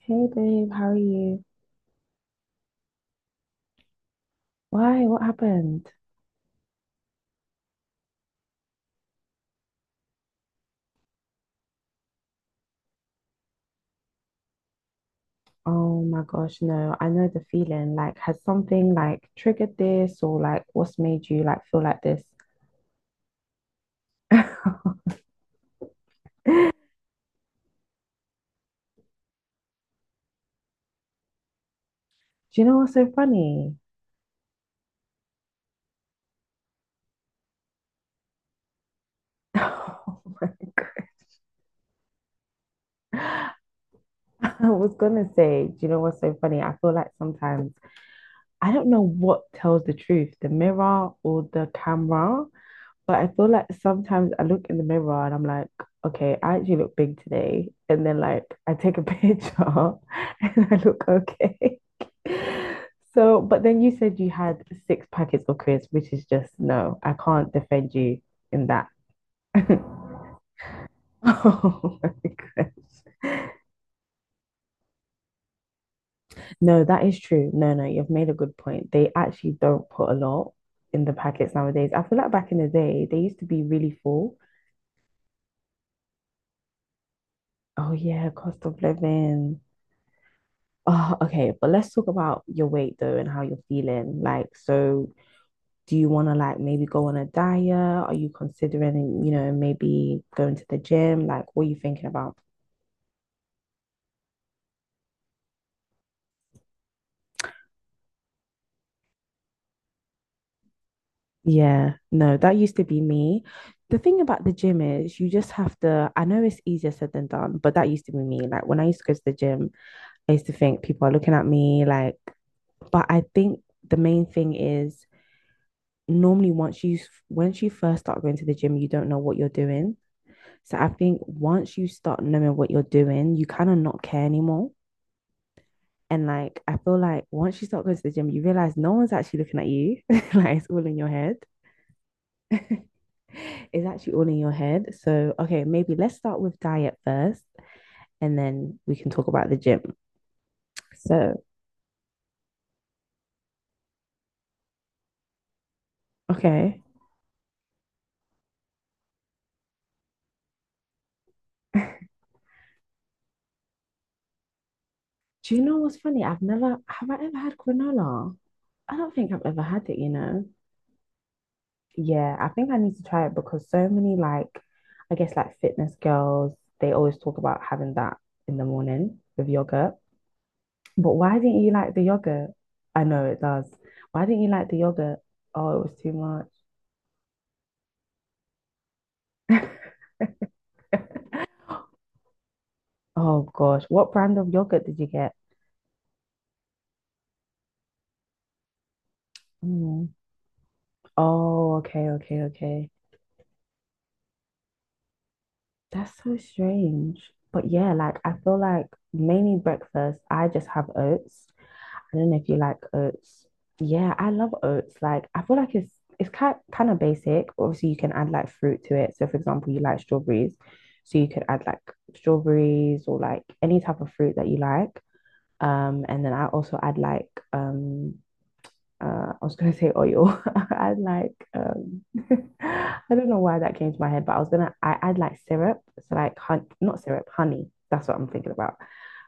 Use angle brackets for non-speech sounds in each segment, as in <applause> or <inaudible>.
Hey babe, how are you? Why? What happened? Oh my gosh, no, I know the feeling. Like, has something like triggered this or like what's made you like feel like this? <laughs> Do you know what's so funny? <laughs> Oh my God. I was gonna say, do you know what's so funny? I feel like sometimes I don't know what tells the truth, the mirror or the camera. But I feel like sometimes I look in the mirror and I'm like, okay, I actually look big today. And then like I take a picture <laughs> and I look okay. <laughs> So, but then you said you had six packets of crisps, which is just no, I can't defend you in that. <laughs> Oh my gosh. No, that is true. No, no, you've made a good point. They actually don't put a lot in the packets nowadays. I feel like back in the day, they used to be really full. Oh yeah, cost of living. Oh, okay, but let's talk about your weight though and how you're feeling. Like, so do you want to like maybe go on a diet? Are you considering, you know, maybe going to the gym? Like, what are you thinking about? Yeah, no, that used to be me. The thing about the gym is you just have to, I know it's easier said than done, but that used to be me. Like when I used to go to the gym, I used to think people are looking at me like, but I think the main thing is normally once you first start going to the gym, you don't know what you're doing. So I think once you start knowing what you're doing, you kind of not care anymore. And like I feel like once you start going to the gym, you realize no one's actually looking at you. <laughs> Like it's all in your head. <laughs> It's actually all in your head. So okay, maybe let's start with diet first and then we can talk about the gym. So, okay. <laughs> Do you know what's funny? I've never have I ever had granola? I don't think I've ever had it, you know. Yeah, I think I need to try it because so many like I guess like fitness girls, they always talk about having that in the morning with yogurt. But why didn't you like the yogurt? I know it does. Why didn't you like the yogurt? Oh, it was too much. <laughs> Oh gosh, what brand of yogurt did you get? Mm. Oh, okay, okay, okay. That's so strange. But yeah, like I feel like mainly breakfast, I just have oats. I don't know if you like oats. Yeah, I love oats. Like, I feel like it's kind of basic. Obviously, you can add like fruit to it. So, for example, you like strawberries, so you could add like strawberries or like any type of fruit that you like. And then I also add like I was gonna say oil. <laughs> I add like <laughs> I don't know why that came to my head, but I was gonna I add like syrup. So like hun not syrup, honey. That's what I'm thinking about.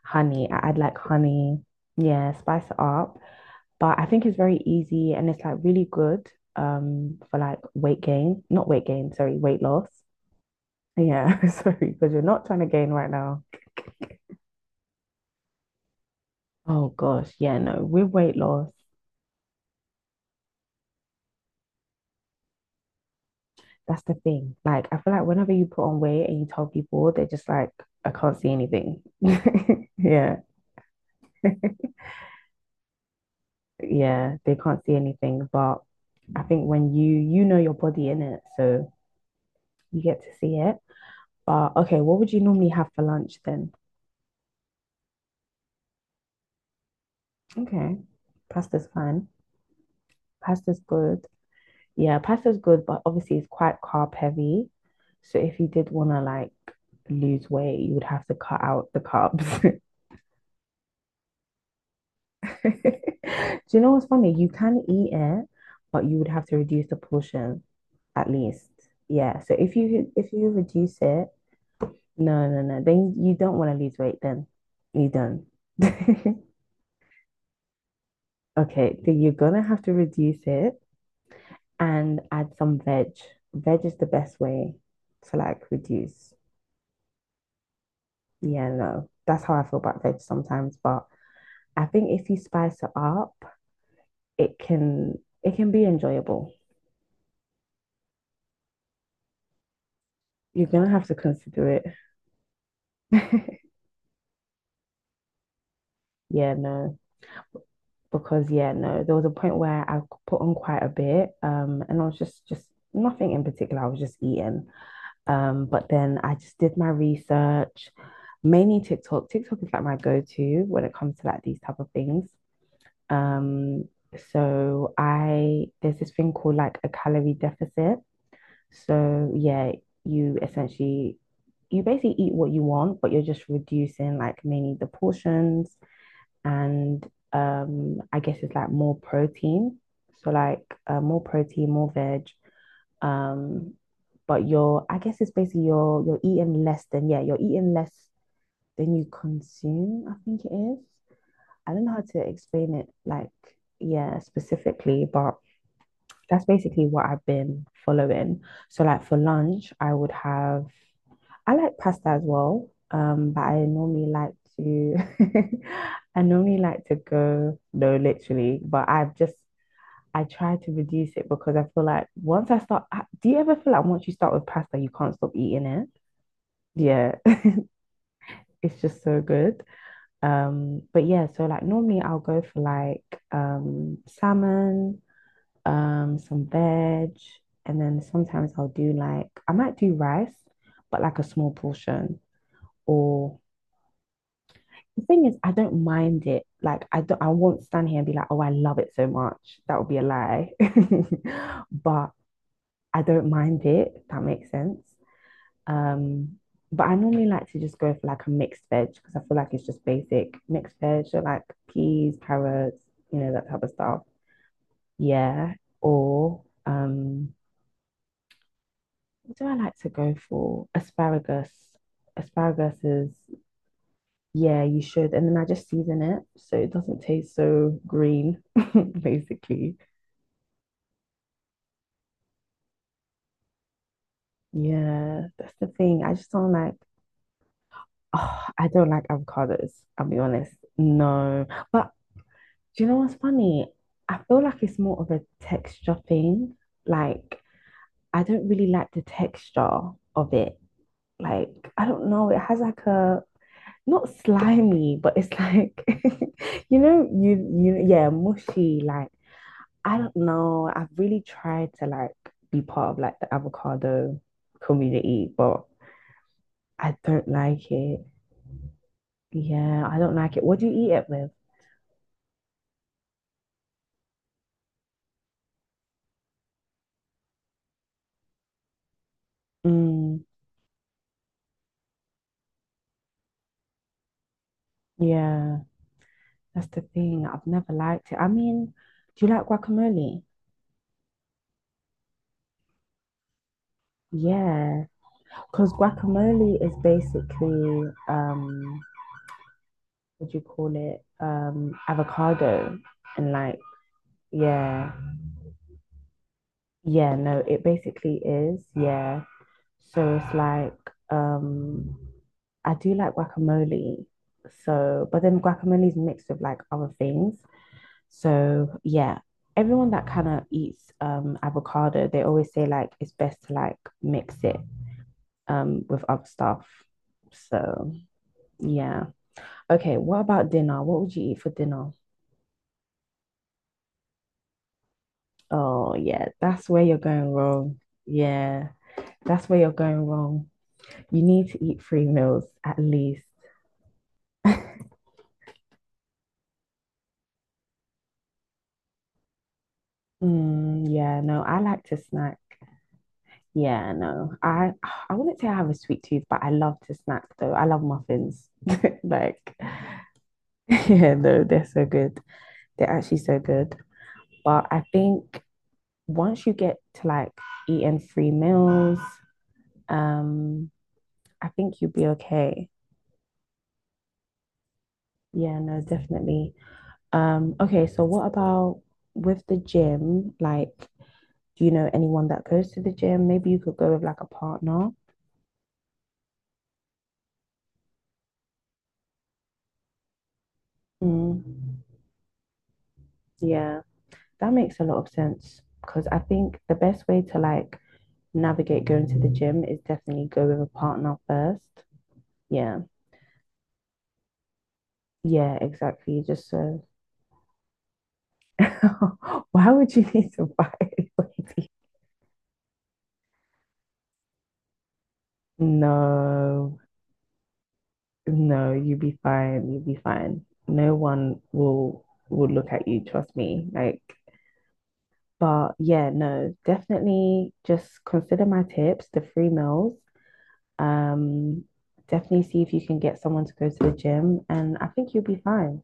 Honey. I add like honey. Yeah, spice it up. But I think it's very easy and it's like really good for like weight gain, not weight gain, sorry, weight loss. Yeah, <laughs> sorry, because you're not trying to gain right now. Oh gosh, yeah, no, with weight loss, that's the thing. Like, I feel like whenever you put on weight and you tell people, they're just like, I can't see anything. <laughs> Yeah, yeah, they can't see anything. But I think when you know your body in it, so you get to see it. But okay, what would you normally have for lunch then? Okay, pasta's fine. Pasta's good. Yeah, pasta's good, but obviously it's quite carb heavy. So if you did want to like lose weight, you would have to cut out the carbs. <laughs> Do you know what's funny? You can eat it, but you would have to reduce the portion at least. Yeah. So if you reduce it, no, no, no, then you don't want to lose weight then. You don't. <laughs> Okay, so you're gonna have to reduce it and add some veg. Veg is the best way to like reduce. Yeah, no, that's how I feel about veg sometimes. But I think if you spice it up, it can it can be enjoyable. You're gonna have to consider it. <laughs> Yeah, no, because yeah, no, there was a point where I put on quite a bit, and I was just nothing in particular. I was just eating, but then I just did my research, mainly TikTok. TikTok is like my go-to when it comes to like these type of things. Um, so I there's this thing called like a calorie deficit. So yeah, you essentially you basically eat what you want, but you're just reducing like mainly the portions and I guess it's like more protein. So like more protein, more veg. Um, but you're I guess it's basically you're eating less than yeah, you're eating less than you consume, I think it is. I don't know how to explain it like, yeah, specifically, but that's basically what I've been following. So like for lunch, I would have I like pasta as well. But I normally like to <laughs> I normally like to go no literally, but I've just I try to reduce it because I feel like once I start, do you ever feel like once you start with pasta, you can't stop eating it? Yeah, <laughs> it's just so good. But yeah, so like normally I'll go for like salmon, some veg, and then sometimes I'll do like I might do rice, but like a small portion. Or the thing is, I don't mind it. Like I don't, I won't stand here and be like, oh, I love it so much. That would be a lie. <laughs> But I don't mind it. If that makes sense. Um, but I normally like to just go for like a mixed veg because I feel like it's just basic mixed veg, so like peas, carrots, you know, that type of stuff. Yeah. Or um, what do I like to go for? Asparagus. Asparagus is, yeah, you should. And then I just season it so it doesn't taste so green, <laughs> basically. Yeah, that's the thing. I just don't like, oh, I don't like avocados, I'll be honest. No. But do you know what's funny? I feel like it's more of a texture thing. Like, I don't really like the texture of it. Like, I don't know. It has like a not slimy, but it's like <laughs> you know, you yeah, mushy. Like I don't know. I've really tried to like be part of like the avocado community, but I don't like it. Yeah, I don't like it. What do you eat it with? Mm, yeah, that's the thing. I've never liked it. I mean, do you like guacamole? Yeah, because guacamole is basically what do you call it? Avocado and like yeah, yeah, no, it basically is, yeah. So it's like, um, I do like guacamole. So, but then guacamole is mixed with like other things. So, yeah, everyone that kind of eats avocado, they always say like it's best to like mix it with other stuff. So, yeah. Okay, what about dinner? What would you eat for dinner? Oh, yeah, that's where you're going wrong. Yeah, that's where you're going wrong. You need to eat three meals at least. Mm, yeah, no, I like to snack. Yeah, no. I wouldn't say I have a sweet tooth, but I love to snack though. I love muffins. <laughs> Like, <laughs> yeah, no, they're so good. They're actually so good. But I think once you get to like eating three meals, um, I think you'll be okay. Yeah, no, definitely. Okay, so what about with the gym? Like, do you know anyone that goes to the gym? Maybe you could go with like a partner. Mm. Yeah, that makes a lot of sense because I think the best way to like navigate going to the gym is definitely go with a partner first. Yeah, yeah, exactly. Just so <laughs> why would you need to buy anybody? <laughs> No, no, you'll be fine. You'll be fine. No one will look at you, trust me. Like but yeah, no, definitely just consider my tips, the free meals. Um, definitely see if you can get someone to go to the gym, and I think you'll be fine.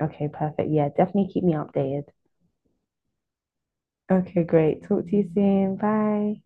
Okay, perfect. Yeah, definitely keep me updated. Okay, great. Talk to you soon. Bye.